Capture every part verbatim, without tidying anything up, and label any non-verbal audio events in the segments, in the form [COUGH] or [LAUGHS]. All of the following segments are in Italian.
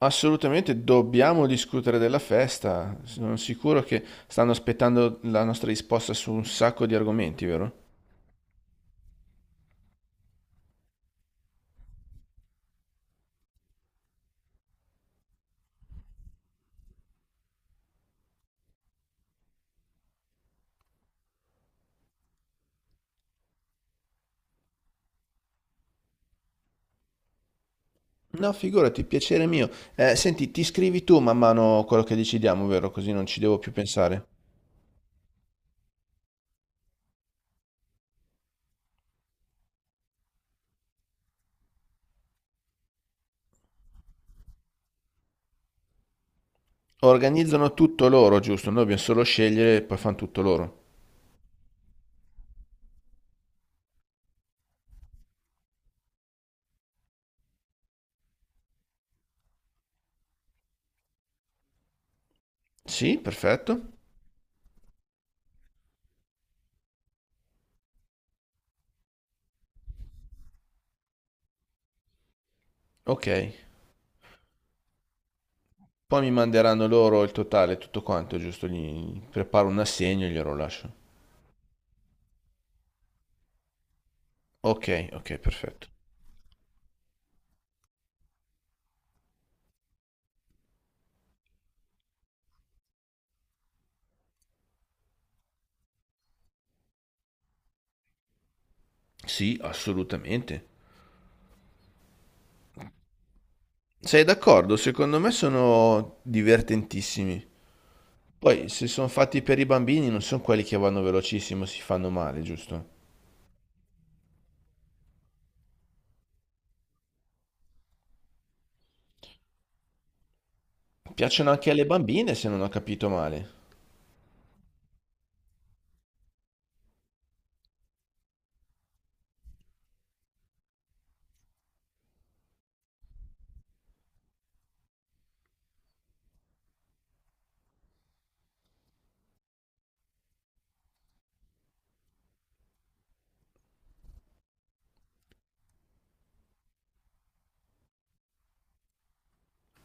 Assolutamente dobbiamo discutere della festa. Sono sicuro che stanno aspettando la nostra risposta su un sacco di argomenti, vero? No, figurati, piacere mio. Eh, senti, ti scrivi tu man mano quello che decidiamo, vero? Così non ci devo più pensare. Organizzano tutto loro, giusto? Noi dobbiamo solo scegliere e poi fanno tutto loro. Sì, perfetto. Ok. Poi mi manderanno loro il totale, tutto quanto, giusto? Gli gli preparo un assegno e glielo lascio. Ok, ok, perfetto. Sì, assolutamente. Sei d'accordo? Secondo me sono divertentissimi. Poi, se sono fatti per i bambini, non sono quelli che vanno velocissimo, si fanno male, giusto? Piacciono anche alle bambine, se non ho capito male.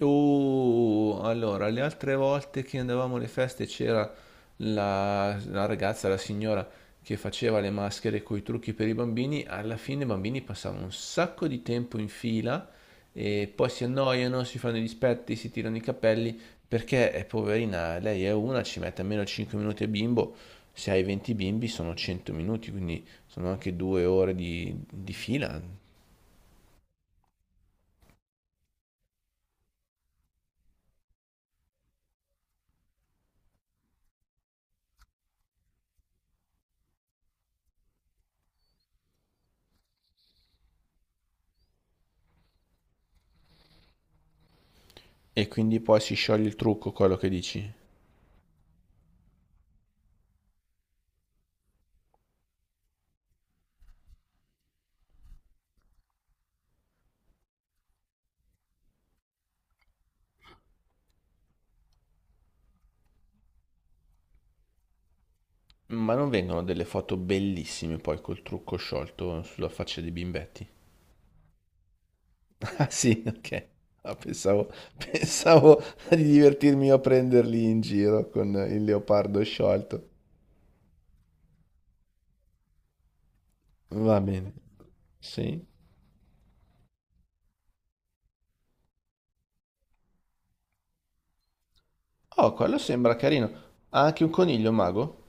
Uh, allora, le altre volte che andavamo alle feste c'era la, la ragazza, la signora che faceva le maschere con i trucchi per i bambini. Alla fine i bambini passavano un sacco di tempo in fila e poi si annoiano, si fanno i dispetti, si tirano i capelli perché è poverina, lei è una, ci mette almeno cinque minuti a bimbo. Se hai venti bimbi sono cento minuti, quindi sono anche due ore di, di fila. E quindi poi si scioglie il trucco, quello che dici. Ma non vengono delle foto bellissime poi col trucco sciolto sulla faccia dei bimbetti? [LAUGHS] Ah sì, ok. Ah, pensavo, pensavo di divertirmi io a prenderli in giro con il leopardo sciolto. Va bene. Sì. Oh, quello sembra carino. Ha anche un coniglio mago?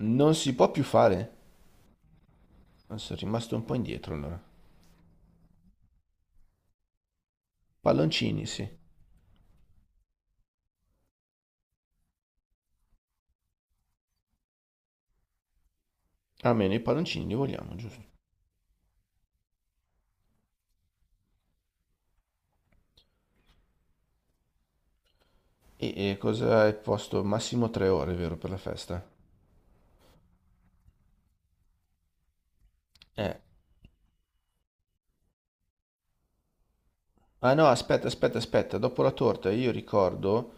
Non si può più fare? Ah, sono rimasto un po' indietro allora. Palloncini, sì. Almeno i palloncini li vogliamo, giusto? E, e cosa hai posto? Massimo tre ore, vero, per la festa? Eh. Ah no, aspetta, aspetta, aspetta, dopo la torta io ricordo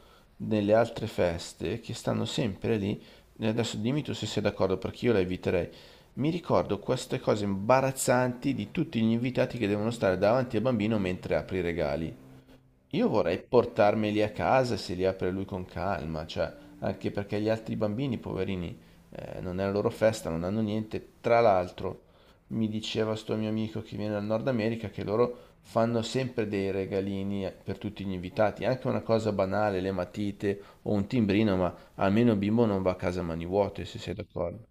nelle altre feste che stanno sempre lì, e adesso dimmi tu se sei d'accordo perché io la eviterei, mi ricordo queste cose imbarazzanti di tutti gli invitati che devono stare davanti al bambino mentre apre i regali. Io vorrei portarmeli a casa e se li apre lui con calma, cioè, anche perché gli altri bambini, poverini, eh, non è la loro festa, non hanno niente. Tra l'altro, mi diceva sto mio amico che viene dal Nord America che loro fanno sempre dei regalini eh, per tutti gli invitati, anche una cosa banale, le matite o un timbrino, ma almeno il bimbo non va a casa a mani vuote, se sei d'accordo.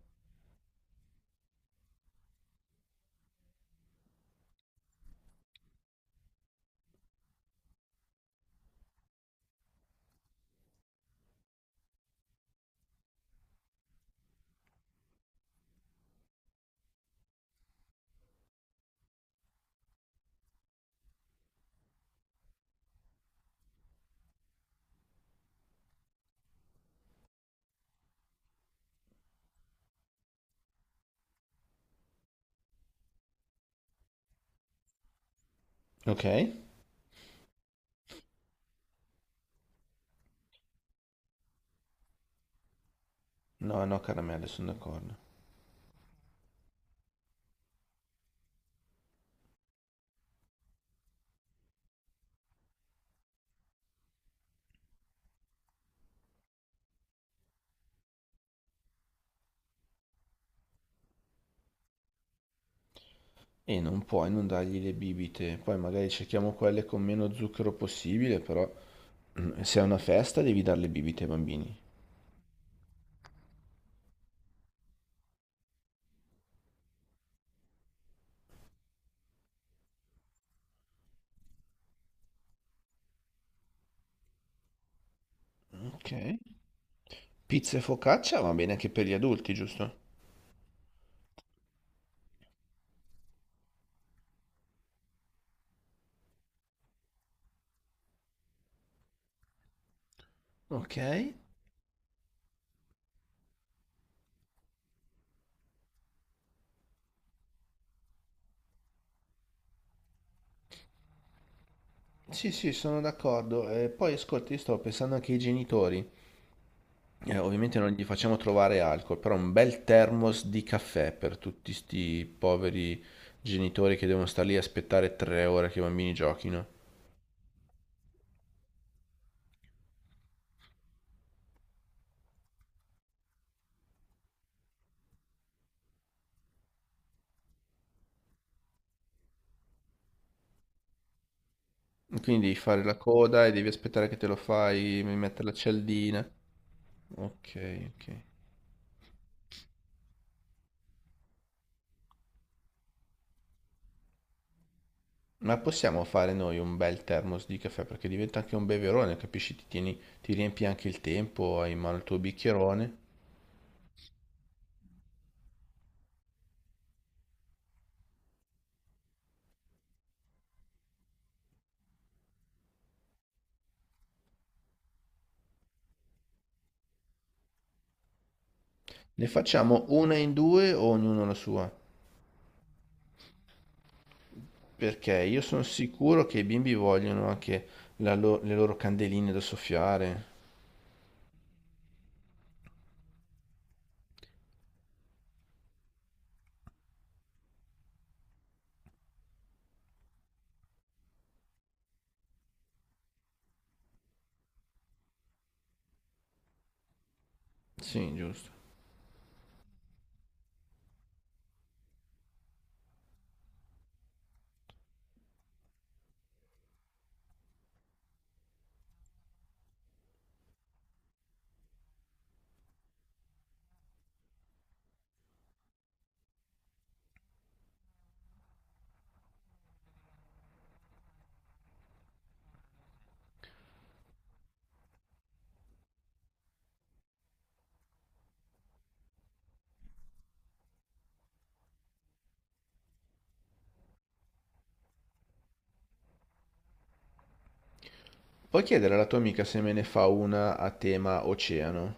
Ok? No, no, caramelle, sono d'accordo. E non puoi non dargli le bibite, poi magari cerchiamo quelle con meno zucchero possibile, però. Mm, Se è una festa devi dare le bibite ai bambini. Ok. Pizza e focaccia va bene anche per gli adulti, giusto? Ok. Sì, sì, sono d'accordo. Eh, poi ascolti, io stavo pensando anche ai genitori. Eh, ovviamente non gli facciamo trovare alcol, però un bel thermos di caffè per tutti sti poveri genitori che devono stare lì a aspettare tre ore che i bambini giochino. Quindi devi fare la coda e devi aspettare che te lo fai, mi mette la cialdina. Ok, ok. Ma possiamo fare noi un bel thermos di caffè perché diventa anche un beverone, capisci? Ti tieni- ti riempi anche il tempo, hai in mano il tuo bicchierone. Ne facciamo una in due o ognuno la sua? Perché io sono sicuro che i bimbi vogliono anche la lo- le loro candeline da soffiare. Sì, giusto. Puoi chiedere alla tua amica se me ne fa una a tema oceano?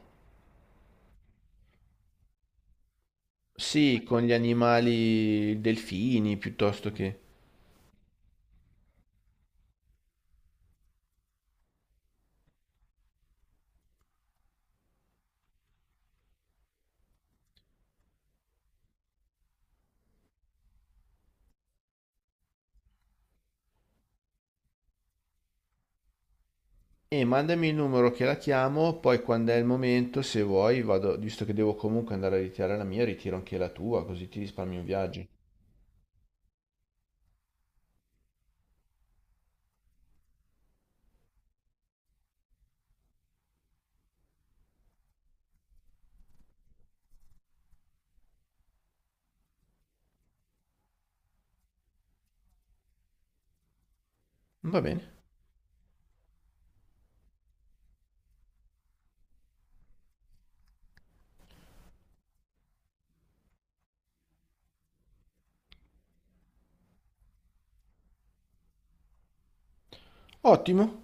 Sì, con gli animali, delfini piuttosto che... E mandami il numero che la chiamo, poi quando è il momento, se vuoi, vado, visto che devo comunque andare a ritirare la mia, ritiro anche la tua, così ti risparmi un viaggio. Va bene. Ottimo.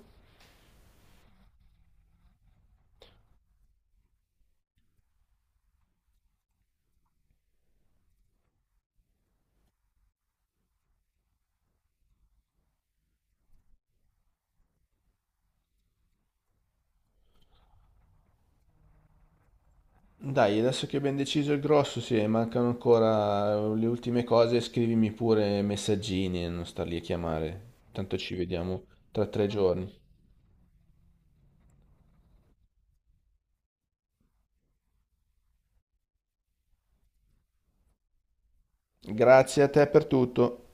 Dai, adesso che abbiamo deciso il grosso, se mancano ancora eh, le ultime cose, scrivimi pure messaggini e non star lì a chiamare. Tanto ci vediamo tra tre giorni. Grazie a te per tutto.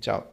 Ciao.